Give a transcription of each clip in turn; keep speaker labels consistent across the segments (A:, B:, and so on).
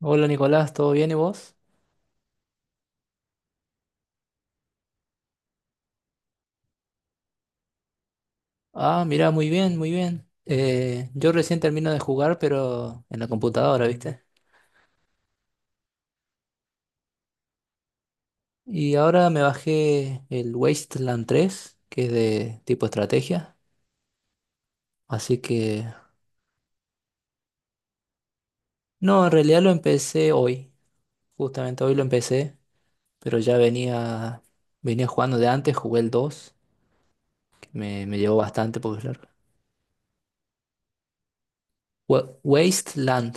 A: Hola Nicolás, ¿todo bien y vos? Ah, mira, muy bien, muy bien. Yo recién termino de jugar, pero en la computadora, ¿viste? Y ahora me bajé el Wasteland tres, que es de tipo estrategia. Así que... No, en realidad lo empecé hoy. Justamente hoy lo empecé, pero ya venía, venía jugando de antes, jugué el 2, que me llevó bastante porque es largo. Wasteland.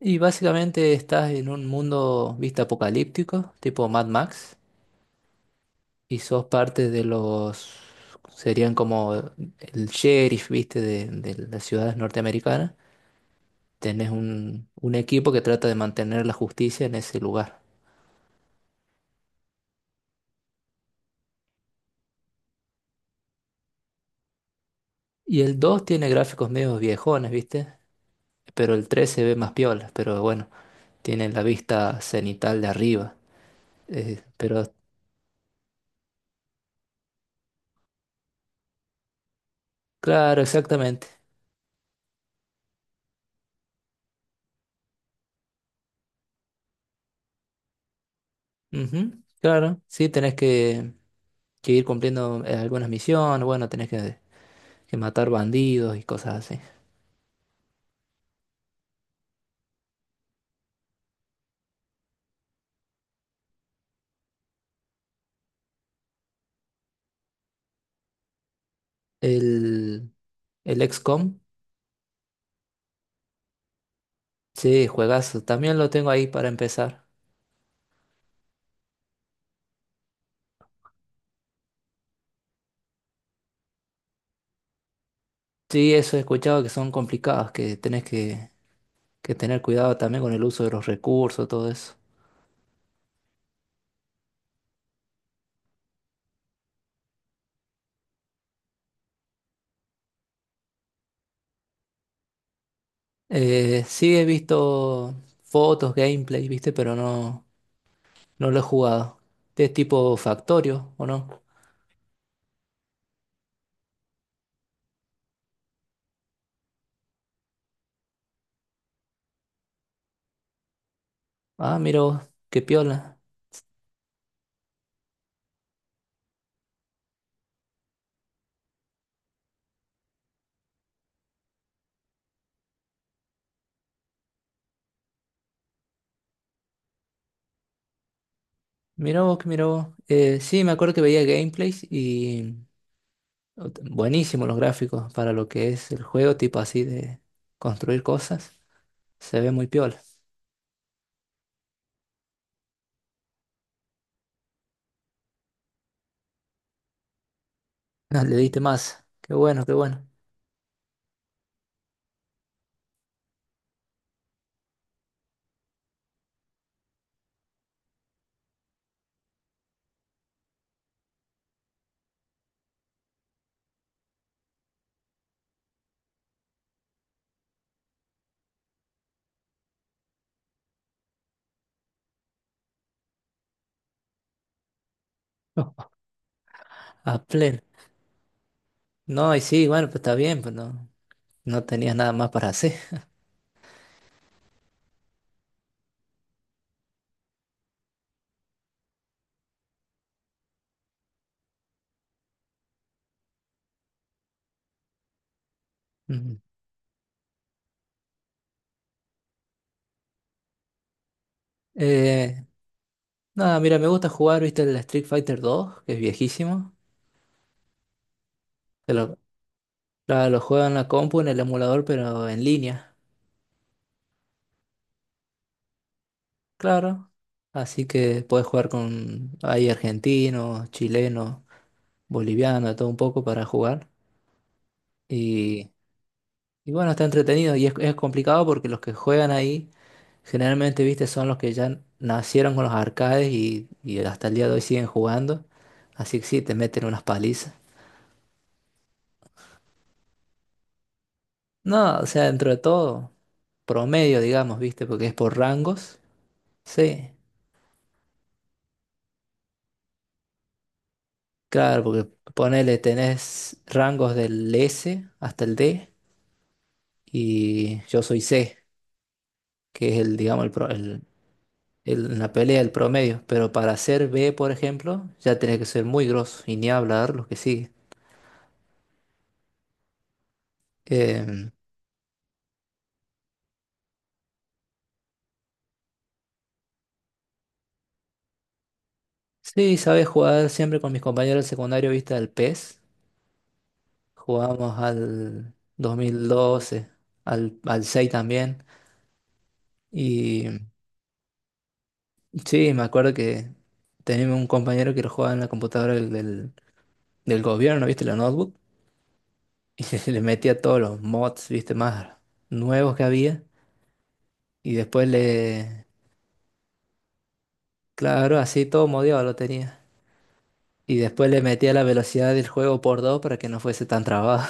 A: Y básicamente estás en un mundo, viste, apocalíptico, tipo Mad Max. Y sos parte de los, serían como el sheriff, viste, de las ciudades norteamericanas. Tenés un equipo que trata de mantener la justicia en ese lugar. Y el 2 tiene gráficos medio viejones, viste, pero el 3 se ve más piola, pero bueno, tiene la vista cenital de arriba. Pero claro, exactamente. Ujú, claro, sí, tenés que ir cumpliendo algunas misiones, bueno, tenés que matar bandidos y cosas así. El, el XCOM. Sí, juegazo. También lo tengo ahí para empezar. Sí, eso he escuchado que son complicados, que tenés que tener cuidado también con el uso de los recursos, todo eso. Sí, he visto fotos, gameplay, viste, pero no, no lo he jugado. ¿Es tipo Factorio, o no? Ah, mira vos, qué piola. Mira vos, que mira vos. Sí, me acuerdo que veía gameplays y buenísimos los gráficos para lo que es el juego, tipo así de construir cosas. Se ve muy piola. Ah, le diste más. Qué bueno, qué bueno. A pleno. No, y sí, bueno, pues está bien, pues no, no tenías nada más para hacer. Ujú. Eh, nada, mira, me gusta jugar, viste, el Street Fighter 2, que es viejísimo. Que lo, claro, lo juego en la compu, en el emulador, pero en línea, claro. Así que puedes jugar con ahí argentinos, chilenos, bolivianos, de todo un poco para jugar. Y, y bueno, está entretenido y es complicado porque los que juegan ahí generalmente, viste, son los que ya nacieron con los arcades y hasta el día de hoy siguen jugando. Así que sí, te meten unas palizas. No, o sea, dentro de todo, promedio, digamos, viste, porque es por rangos. Sí, claro, porque ponele, tenés rangos del S hasta el D y yo soy C, que es el, digamos, el- en la pelea, el promedio. Pero para ser B, por ejemplo, ya tenés que ser muy grosso y ni hablar los que siguen. Em, Sí, sabes jugar siempre con mis compañeros del secundario, viste, al PES. Jugábamos al 2012, al 6 también. Y sí, me acuerdo que teníamos un compañero que lo jugaba en la computadora del gobierno, viste, la notebook. Y le metía todos los mods, viste, más nuevos que había. Y después le... Claro, así todo modiado lo tenía. Y después le metía la velocidad del juego por dos para que no fuese tan trabado.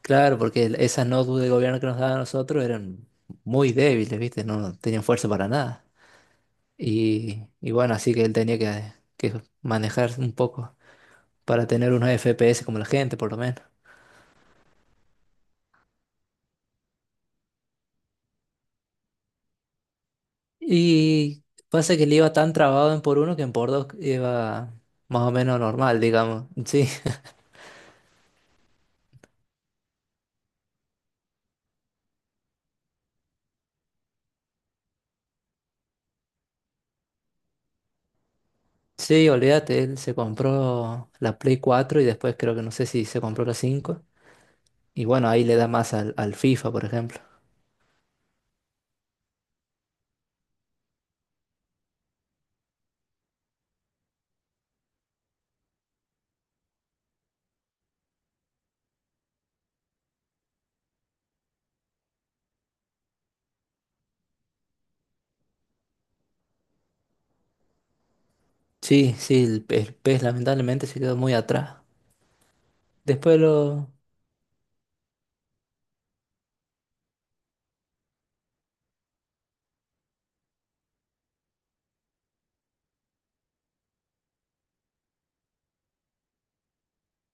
A: Claro, porque esas notebooks de gobierno que nos daban a nosotros eran muy débiles, ¿viste? No tenían fuerza para nada. Y bueno, así que él tenía que manejar un poco para tener unos FPS como la gente, por lo menos. Y pasa que le iba tan trabado en por uno que en por dos iba más o menos normal, digamos. Sí, sí, olvídate, él se compró la Play 4 y después creo que no sé si se compró la cinco. Y bueno, ahí le da más al, al FIFA, por ejemplo. Sí, sí, el pez lamentablemente se quedó muy atrás. Después lo...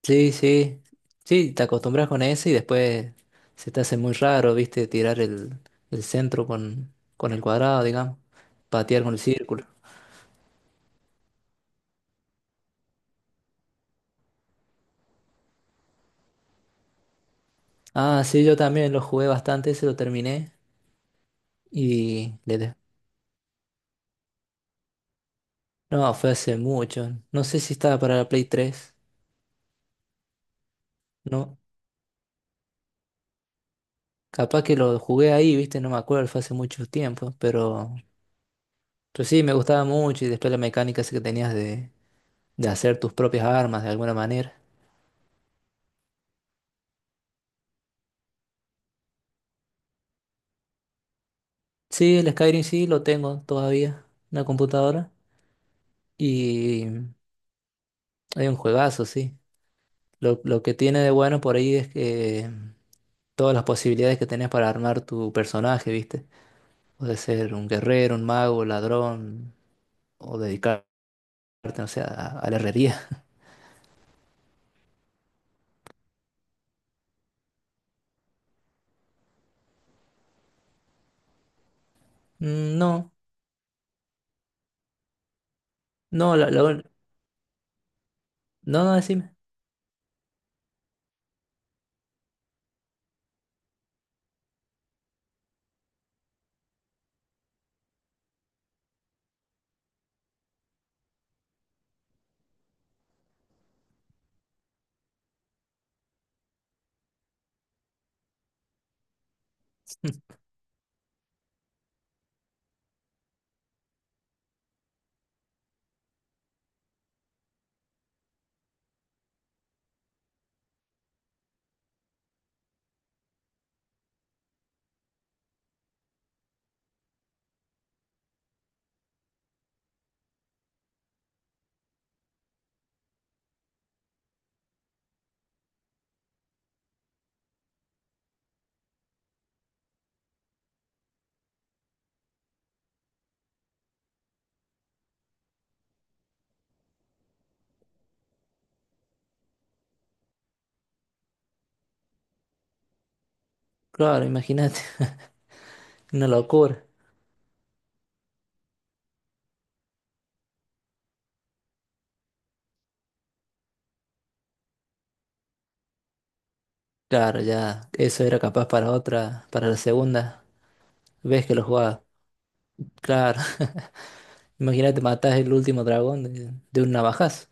A: Sí, sí. Sí, te acostumbras con ese y después se te hace muy raro, viste, tirar el centro con el cuadrado, digamos. Patear con el círculo. Ah, sí, yo también lo jugué bastante, ese lo terminé y le de- No, fue hace mucho. No sé si estaba para la Play 3, ¿no? Capaz que lo jugué ahí, viste, no me acuerdo, fue hace mucho tiempo, pero... Pero sí, me gustaba mucho y después la mecánica esa que tenías de hacer tus propias armas de alguna manera. Sí, el Skyrim sí lo tengo todavía en la computadora y hay un juegazo, sí. Lo que tiene de bueno por ahí es que todas las posibilidades que tenés para armar tu personaje, ¿viste? Puede ser un guerrero, un mago, ladrón o dedicarte, no sé, a la herrería. Mm, no, no, la- la- no, decime. Claro, imagínate, una locura. Claro, ya eso era capaz para otra, para la segunda vez que lo jugaba. Claro. Imagínate, matás el último dragón de un navajazo.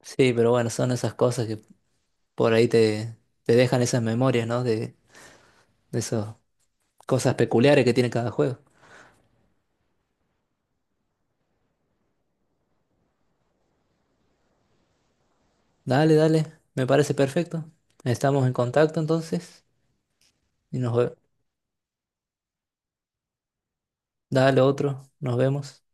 A: Sí, pero bueno, son esas cosas que por ahí te dejan esas memorias, ¿no? De esas cosas peculiares que tiene cada juego. Dale, dale, me parece perfecto. Estamos en contacto entonces. Y nos, ve- dale otro, nos vemos.